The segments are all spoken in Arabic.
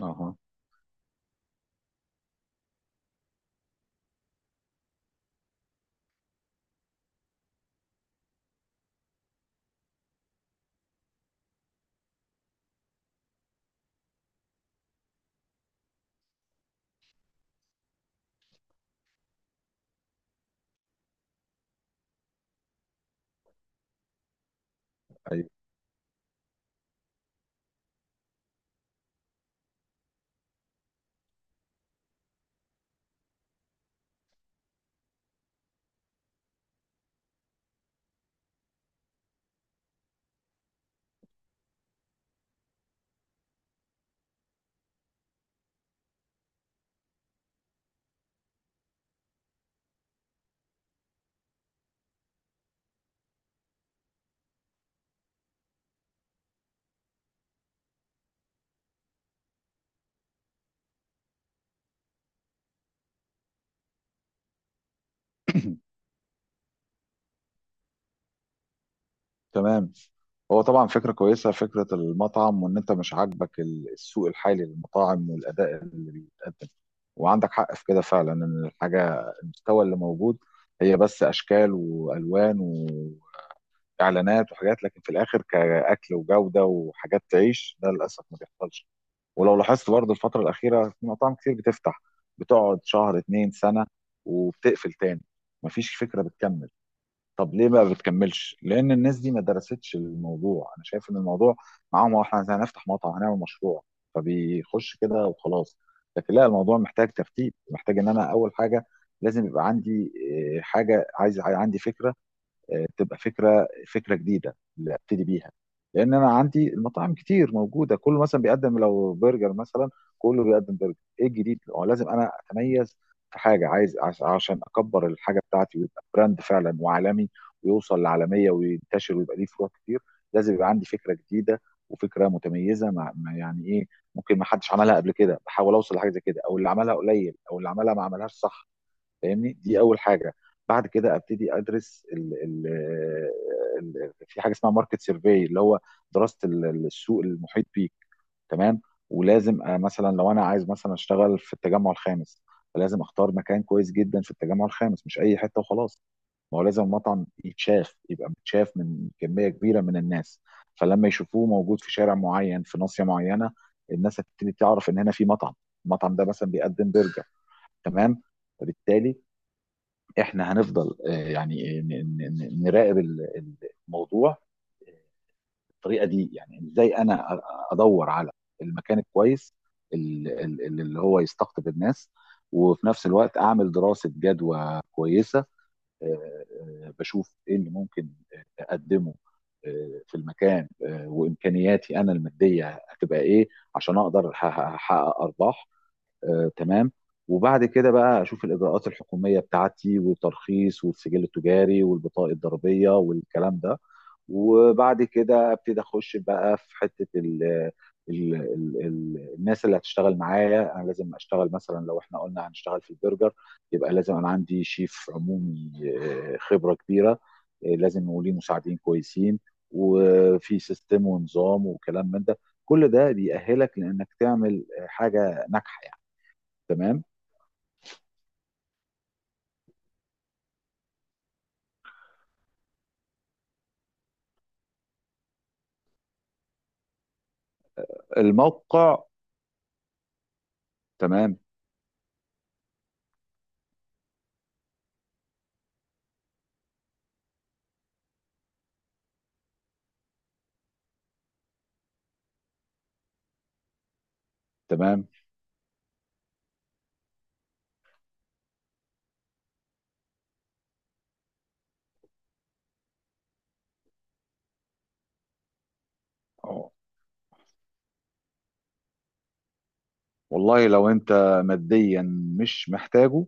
اها. ايوه. تمام. هو طبعا فكره كويسه، فكره المطعم، وان انت مش عاجبك السوق الحالي للمطاعم والاداء اللي بيتقدم، وعندك حق في كده فعلا، ان المستوى اللي موجود هي بس اشكال والوان واعلانات وحاجات، لكن في الاخر كاكل وجوده وحاجات تعيش ده للاسف ما بيحصلش. ولو لاحظت برضه الفتره الاخيره في مطاعم كتير بتفتح، بتقعد شهر اتنين سنه وبتقفل تاني، مفيش فكره بتكمل. طب ليه ما بتكملش؟ لأن الناس دي ما درستش الموضوع، أنا شايف إن الموضوع معاهم هو إحنا هنفتح مطعم هنعمل مشروع، فبيخش كده وخلاص. لكن لا، الموضوع محتاج ترتيب، محتاج إن أنا أول حاجة لازم يبقى عندي إيه، حاجة، عايز عندي فكرة. تبقى فكره جديده اللي ابتدي بيها، لان انا عندي المطاعم كتير موجوده، كله مثلا بيقدم لو برجر مثلا، كله بيقدم برجر. ايه الجديد؟ هو لازم انا اتميز في حاجه، عايز عشان اكبر الحاجه بتاعتي ويبقى براند فعلا وعالمي، ويوصل لعالميه وينتشر ويبقى ليه فروع كتير. لازم يبقى عندي فكره جديده وفكره متميزه، يعني ايه، ممكن ما حدش عملها قبل كده، بحاول اوصل لحاجه زي كده، او اللي عملها قليل، او اللي عملها ما عملهاش صح. فاهمني، دي اول حاجه. بعد كده ابتدي ادرس ال ال ال في حاجه اسمها ماركت سيرفي، اللي هو دراسه السوق المحيط بيك. تمام. ولازم مثلا لو انا عايز مثلا اشتغل في التجمع الخامس، فلازم اختار مكان كويس جدا في التجمع الخامس، مش اي حته وخلاص. ما هو لازم المطعم يتشاف، يبقى متشاف من كميه كبيره من الناس، فلما يشوفوه موجود في شارع معين، في ناصيه معينه، الناس هتبتدي تعرف ان هنا في مطعم، المطعم ده مثلا بيقدم برجر. تمام. فبالتالي احنا هنفضل يعني نراقب الموضوع بالطريقه دي، يعني ازاي انا ادور على المكان الكويس، اللي هو يستقطب الناس. وفي نفس الوقت اعمل دراسه جدوى كويسه. آه، بشوف ايه اللي ممكن اقدمه في المكان، وامكانياتي انا الماديه هتبقى ايه، عشان اقدر احقق ارباح. تمام. وبعد كده بقى اشوف الاجراءات الحكوميه بتاعتي، والترخيص، والسجل التجاري، والبطاقه الضريبيه، والكلام ده. وبعد كده ابتدي اخش بقى في حته ال ال ال ال الناس اللي هتشتغل معايا، انا لازم اشتغل مثلا لو احنا قلنا هنشتغل في البرجر، يبقى لازم انا عندي شيف عمومي خبره كبيره، لازم يكون ليه مساعدين كويسين، وفي سيستم ونظام وكلام من ده. كل ده بيأهلك لانك تعمل حاجه ناجحه يعني. تمام. الموقع. تمام. تمام. أهو. والله لو انت ماديا مش محتاجه،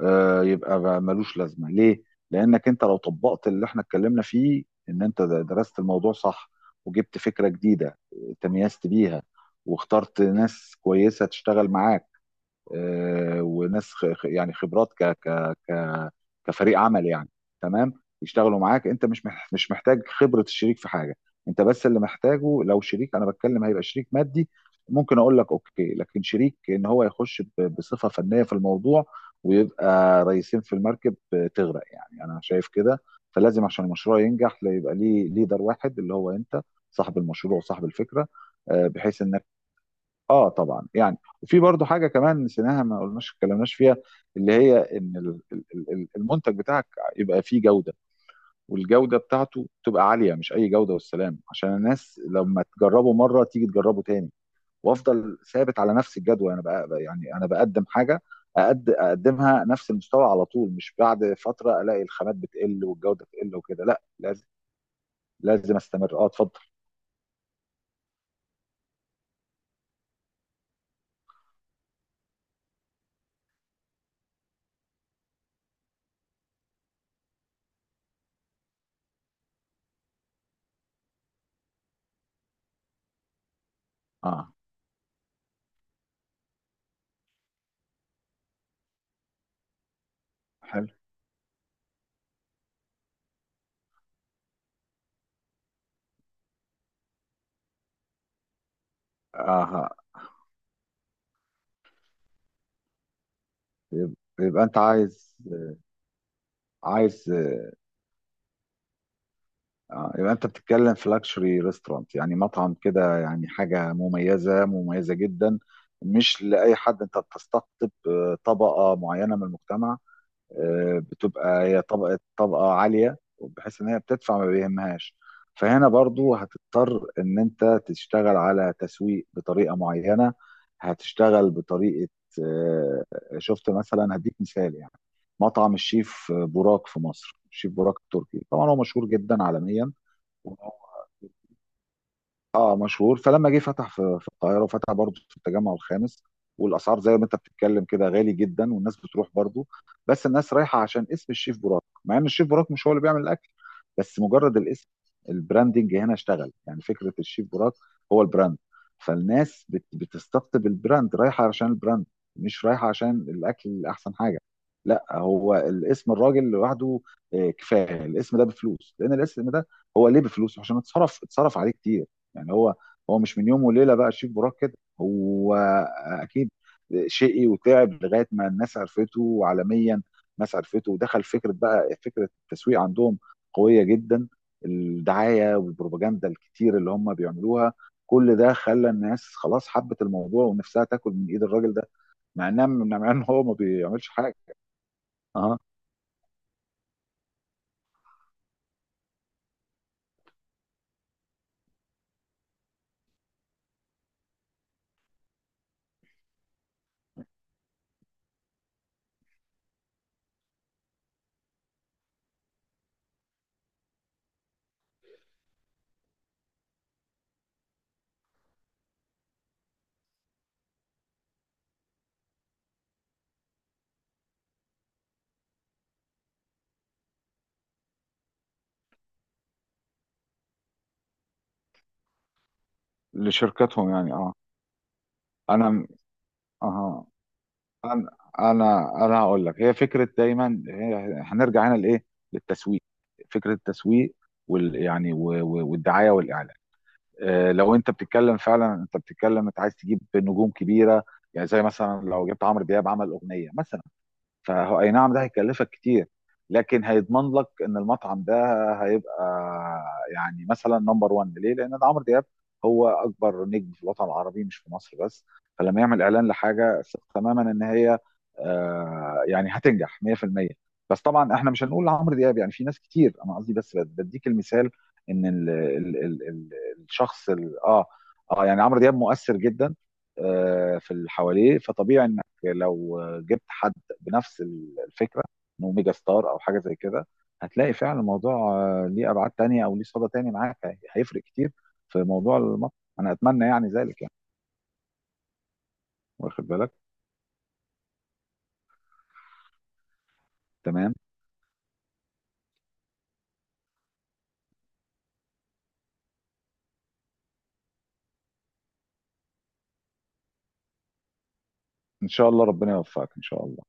يبقى بقى ملوش لازمه ليه، لانك انت لو طبقت اللي احنا اتكلمنا فيه، ان انت درست الموضوع صح، وجبت فكره جديده تميزت بيها، واخترت ناس كويسه تشتغل معاك وناس يعني خبرات ك ك ك كفريق عمل يعني. تمام. يشتغلوا معاك، انت مش محتاج خبرة الشريك في حاجة، انت بس اللي محتاجه، لو شريك انا بتكلم هيبقى شريك مادي، ممكن اقول لك اوكي، لكن شريك ان هو يخش بصفة فنية في الموضوع، ويبقى رئيسين في المركب تغرق يعني، انا شايف كده. فلازم عشان المشروع ينجح لا، يبقى ليه ليدر واحد اللي هو انت، صاحب المشروع وصاحب الفكرة. بحيث ان اه طبعا يعني. وفي برضو حاجه كمان نسيناها ما قلناش اتكلمناش فيها، اللي هي ان المنتج بتاعك يبقى فيه جوده، والجوده بتاعته تبقى عاليه، مش اي جوده والسلام، عشان الناس لما تجربه مره تيجي تجربه تاني. وافضل ثابت على نفس الجدول، انا بقى يعني انا بقدم حاجه أقد اقدمها نفس المستوى على طول، مش بعد فتره الاقي الخامات بتقل والجوده بتقل وكده. لا، لازم لازم استمر. اه، اتفضل. اه، حلو. اه، يبقى يبقى انت عايز يبقى انت بتتكلم في لاكشري ريستورانت، يعني مطعم كده، يعني حاجه مميزه مميزه جدا، مش لاي حد، انت بتستقطب طبقه معينه من المجتمع، بتبقى هي طبقه طبقه عاليه بحيث ان هي بتدفع ما بيهمهاش. فهنا برضو هتضطر ان انت تشتغل على تسويق بطريقه معينه، هتشتغل بطريقه آه، شفت مثلا، هديك مثال يعني. مطعم الشيف بوراك في مصر، الشيف بوراك التركي، طبعا هو مشهور جدا عالميا، وهو اه مشهور، فلما جه فتح في القاهره، وفتح برضه في التجمع الخامس، والاسعار زي ما انت بتتكلم كده غالي جدا، والناس بتروح برضه. بس الناس رايحه عشان اسم الشيف براك، مع ان الشيف براك مش هو اللي بيعمل الاكل، بس مجرد الاسم، البراندنج هنا اشتغل، يعني فكره الشيف براك هو البراند. فالناس بتستقطب البراند، رايحه عشان البراند، مش رايحه عشان الاكل اللي احسن حاجه، لا، هو الاسم، الراجل لوحده كفايه، الاسم ده بفلوس، لان الاسم ده هو ليه بفلوس عشان اتصرف عليه كتير. يعني هو مش من يوم وليله بقى شيف براك كده، هو اكيد شقي وتعب لغايه ما الناس عرفته، وعالميا الناس عرفته، ودخل فكره بقى، فكره التسويق عندهم قويه جدا، الدعايه والبروباجندا الكتير اللي هم بيعملوها. كل ده خلى الناس خلاص حبت الموضوع، ونفسها تاكل من ايد الراجل ده، مع ان هو ما بيعملش حاجه. اه، لشركتهم يعني. اه. انا اها، انا انا هقول لك. هي فكره دايما، هنرجع هنا لايه، للتسويق، فكره التسويق، والدعايه والاعلان. لو انت بتتكلم فعلا، انت بتتكلم انت عايز تجيب نجوم كبيره، يعني زي مثلا لو جبت عمرو دياب عمل اغنيه مثلا، فهو اي نعم ده هيكلفك كتير، لكن هيضمن لك ان المطعم ده هيبقى، يعني مثلا نمبر 1. ليه؟ لان ده عمرو دياب، هو اكبر نجم في الوطن العربي مش في مصر بس. فلما يعمل اعلان لحاجه ثق تماما ان هي يعني هتنجح 100%. بس طبعا احنا مش هنقول لعمرو دياب، يعني في ناس كتير، انا قصدي بس بديك المثال، ان ال ال ال ال الشخص اه يعني عمرو دياب مؤثر جدا في اللي حواليه. فطبيعي انك لو جبت حد بنفس الفكره، انه ميجا ستار او حاجه زي كده، هتلاقي فعلا الموضوع ليه ابعاد تانية، او ليه صدى تاني معاك، هيفرق كتير في موضوع المطر. انا اتمنى يعني ذلك يعني. واخد بالك؟ تمام. ان شاء الله ربنا يوفقك ان شاء الله.